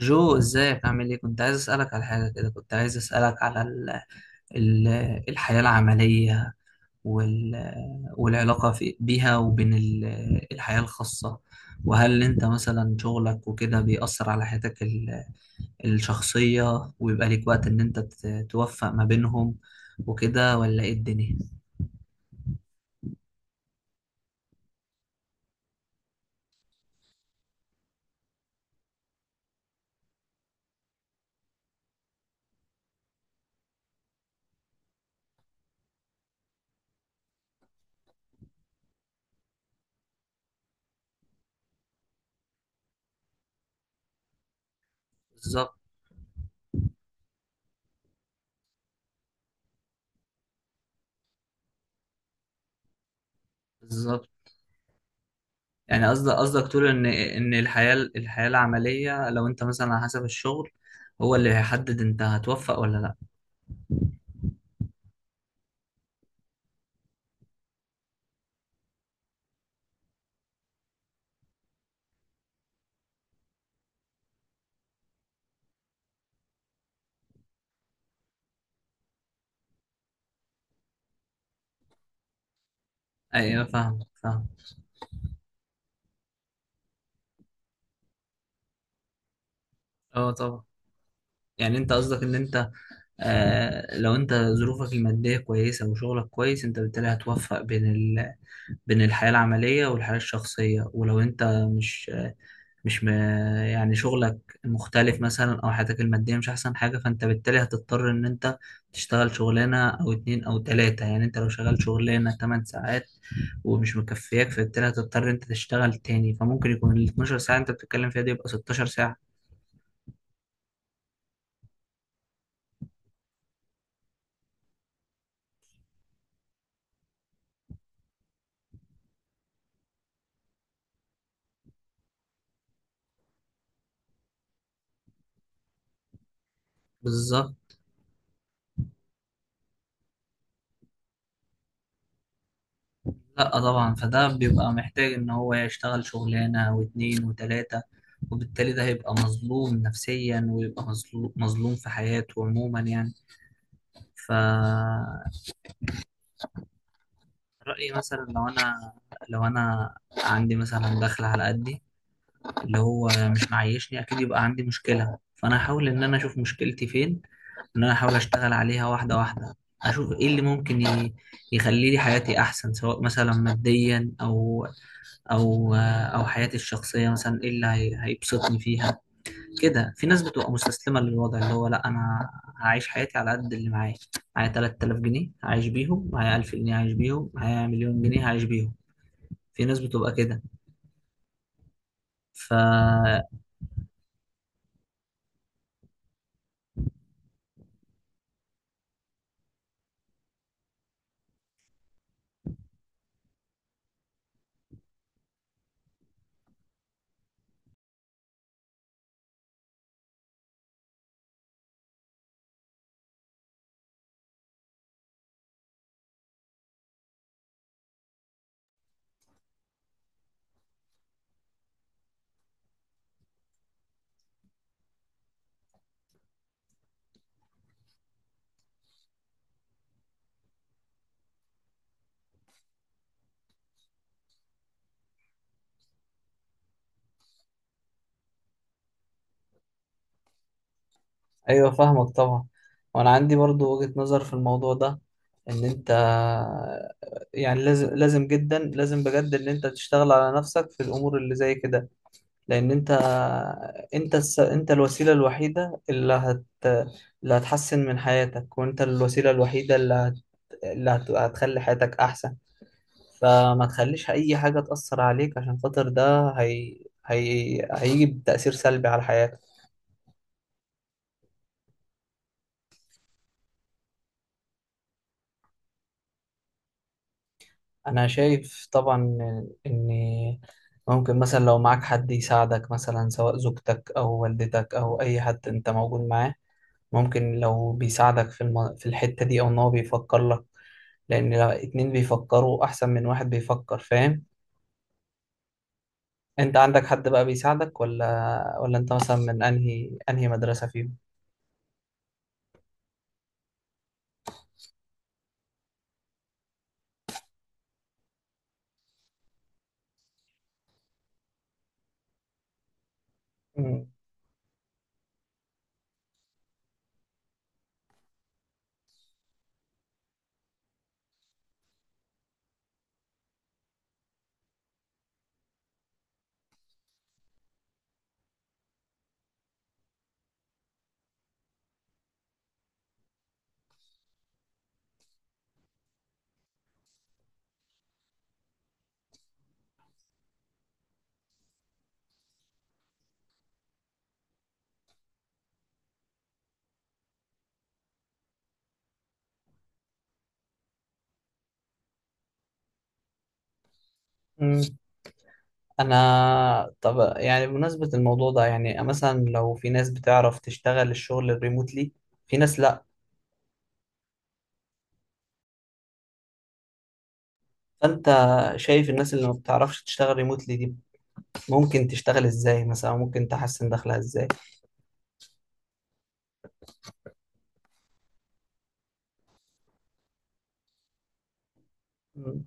جو ازيك عامل ايه؟ كنت عايز اسالك على حاجه كده. كنت عايز اسالك على ال ال الحياه العمليه وال والعلاقه في بيها وبين الحياه الخاصه، وهل انت مثلا شغلك وكده بيأثر على حياتك الشخصيه، ويبقى ليك وقت ان انت توفق ما بينهم وكده ولا ايه الدنيا؟ بالظبط. بالظبط. يعني قصدك تقول ان الحياه العمليه، لو انت مثلا على حسب الشغل هو اللي هيحدد انت هتوفق ولا لا؟ ايوه، فاهم. اه طبعا. يعني انت قصدك ان انت، لو انت ظروفك الماديه كويسه وشغلك كويس، انت بالتالي هتوفق بين بين الحياه العمليه والحياه الشخصيه. ولو انت مش مش م... يعني شغلك مختلف مثلا او حياتك الماديه مش احسن حاجه، فانت بالتالي هتضطر ان انت تشتغل شغلانه او اتنين او تلاته. يعني انت لو شغال شغلانه 8 ساعات ومش مكفياك، فبالتالي هتضطر انت تشتغل تاني، فممكن يكون ال 12 ساعه انت بتتكلم فيها دي يبقى 16 ساعه. بالظبط. لا طبعا، فده بيبقى محتاج ان هو يشتغل شغلانه واتنين وتلاته، وبالتالي ده هيبقى مظلوم نفسيا ويبقى مظلوم في حياته عموما يعني. ف رأيي مثلا لو انا عندي مثلا دخل على قدي اللي هو مش معيشني، اكيد يبقى عندي مشكله، فانا هحاول ان انا اشوف مشكلتي فين، ان انا احاول اشتغل عليها واحده واحده، اشوف ايه اللي ممكن يخلي لي حياتي احسن، سواء مثلا ماديا او او حياتي الشخصيه، مثلا ايه هيبسطني فيها. كده في ناس بتبقى مستسلمه للوضع، اللي هو لا انا هعيش حياتي على قد اللي معايا. معايا 3000 جنيه هعيش بيهم، معايا 1000 جنيه هعيش بيهم، معايا مليون جنيه هعيش بيهم. في ناس بتبقى كده. فا ايوه فاهمك طبعا. وانا عندي برضو وجهة نظر في الموضوع ده، ان انت يعني لازم جدا لازم بجد ان انت تشتغل على نفسك في الامور اللي زي كده، لان انت، انت الوسيله الوحيده اللي هتحسن من حياتك، وانت الوسيله الوحيده هتخلي حياتك احسن. فما تخليش اي حاجه تاثر عليك، عشان خاطر ده هيجي بتاثير سلبي على حياتك. انا شايف طبعا ان ممكن مثلا لو معاك حد يساعدك، مثلا سواء زوجتك او والدتك او اي حد انت موجود معاه. ممكن لو بيساعدك في الحته دي، او ان هو بيفكر لك، لأن لو اتنين بيفكروا أحسن من واحد بيفكر، فاهم؟ أنت عندك حد بقى بيساعدك ولا أنت مثلا من أنهي مدرسة فيهم؟ مم. مم. أنا طب يعني بمناسبة الموضوع ده، يعني مثلا لو في ناس بتعرف تشتغل الشغل الريموتلي، في ناس لأ. فأنت شايف الناس اللي ما بتعرفش تشتغل ريموتلي دي ممكن تشتغل إزاي مثلا؟ ممكن تحسن دخلها إزاي؟ مم.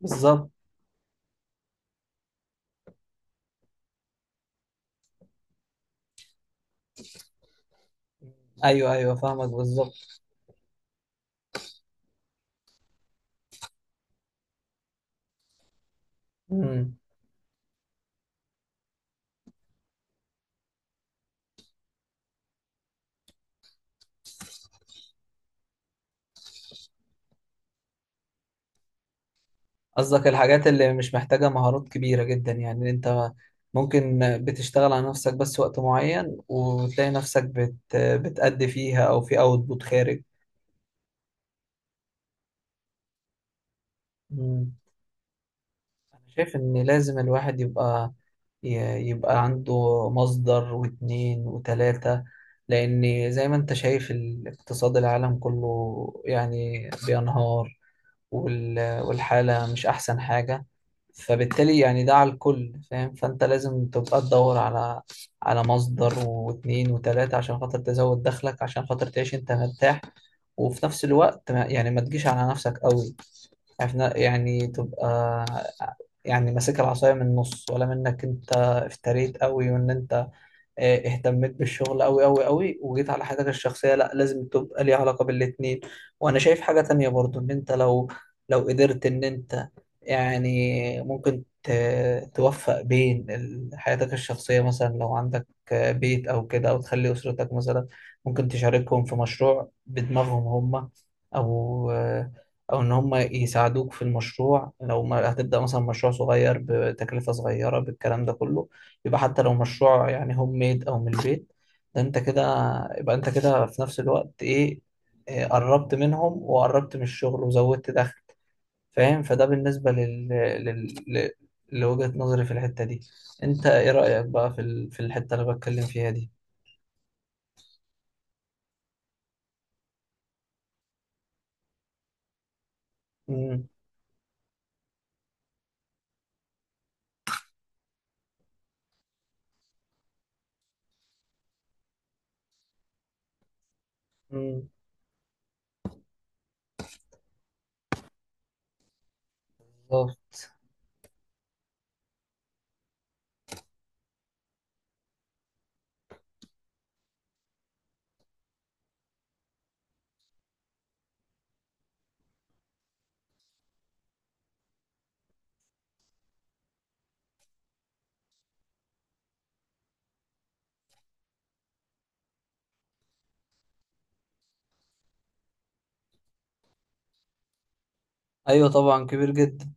بالظبط. ايوه فاهمك بالظبط. مم. قصدك الحاجات اللي مش محتاجة مهارات كبيرة جدا؟ يعني انت ممكن بتشتغل على نفسك بس وقت معين وتلاقي نفسك بتأدي فيها او في اوتبوت خارج. مم. انا شايف ان لازم الواحد يبقى، يبقى عنده مصدر واتنين وتلاتة، لان زي ما انت شايف الاقتصاد العالم كله يعني بينهار، والحالة مش أحسن حاجة. فبالتالي يعني ده على الكل، فاهم؟ فأنت لازم تبقى تدور على مصدر واتنين وتلاتة عشان خاطر تزود دخلك، عشان خاطر تعيش أنت مرتاح، وفي نفس الوقت ما يعني ما تجيش على نفسك قوي، عارف يعني تبقى يعني ماسك العصاية من النص، ولا منك أنت افتريت قوي وإن أنت اهتميت بالشغل قوي قوي قوي وجيت على حياتك الشخصية. لا، لازم تبقى ليها علاقة بالاتنين. وانا شايف حاجة تانية برضو، ان انت لو، لو قدرت ان انت، يعني ممكن توفق بين حياتك الشخصية. مثلا لو عندك بيت او كده، او تخلي اسرتك مثلا ممكن تشاركهم في مشروع بدماغهم هم، او ان هم يساعدوك في المشروع. لو ما هتبدأ مثلا مشروع صغير بتكلفة صغيرة بالكلام ده كله، يبقى حتى لو مشروع يعني هوم ميد او من البيت، ده انت كده يبقى انت كده في نفس الوقت ايه، قربت منهم وقربت من الشغل وزودت دخل. فاهم؟ فده بالنسبة لل... ل- لوجهة نظري في الحتة دي. انت ايه رأيك بقى في في الحتة اللي بتكلم فيها دي؟ امم امم بالظبط. ايوه طبعا كبير جدا.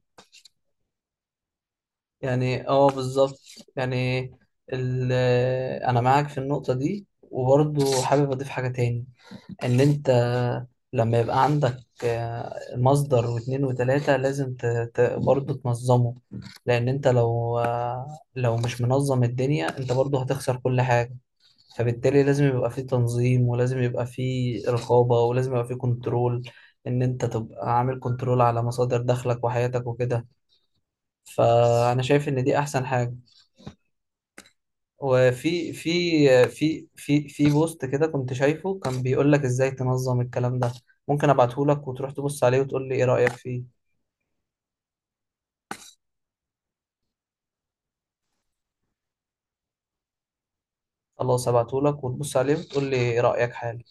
يعني اه بالظبط. يعني ال... انا معاك في النقطة دي، وبرضه حابب اضيف حاجة تاني، ان انت لما يبقى عندك مصدر واتنين وتلاتة، برضه تنظمه، لان انت لو، لو مش منظم الدنيا انت برضه هتخسر كل حاجة. فبالتالي لازم يبقى فيه تنظيم، ولازم يبقى فيه رقابة، ولازم يبقى فيه كنترول، ان انت تبقى عامل كنترول على مصادر دخلك وحياتك وكده. فانا شايف ان دي احسن حاجة. وفي في في في في بوست كده كنت شايفه، كان بيقول لك ازاي تنظم الكلام ده. ممكن ابعته لك وتروح تبص عليه وتقول لي ايه رأيك فيه. خلاص ابعته لك وتبص عليه وتقول لي ايه رأيك حالا.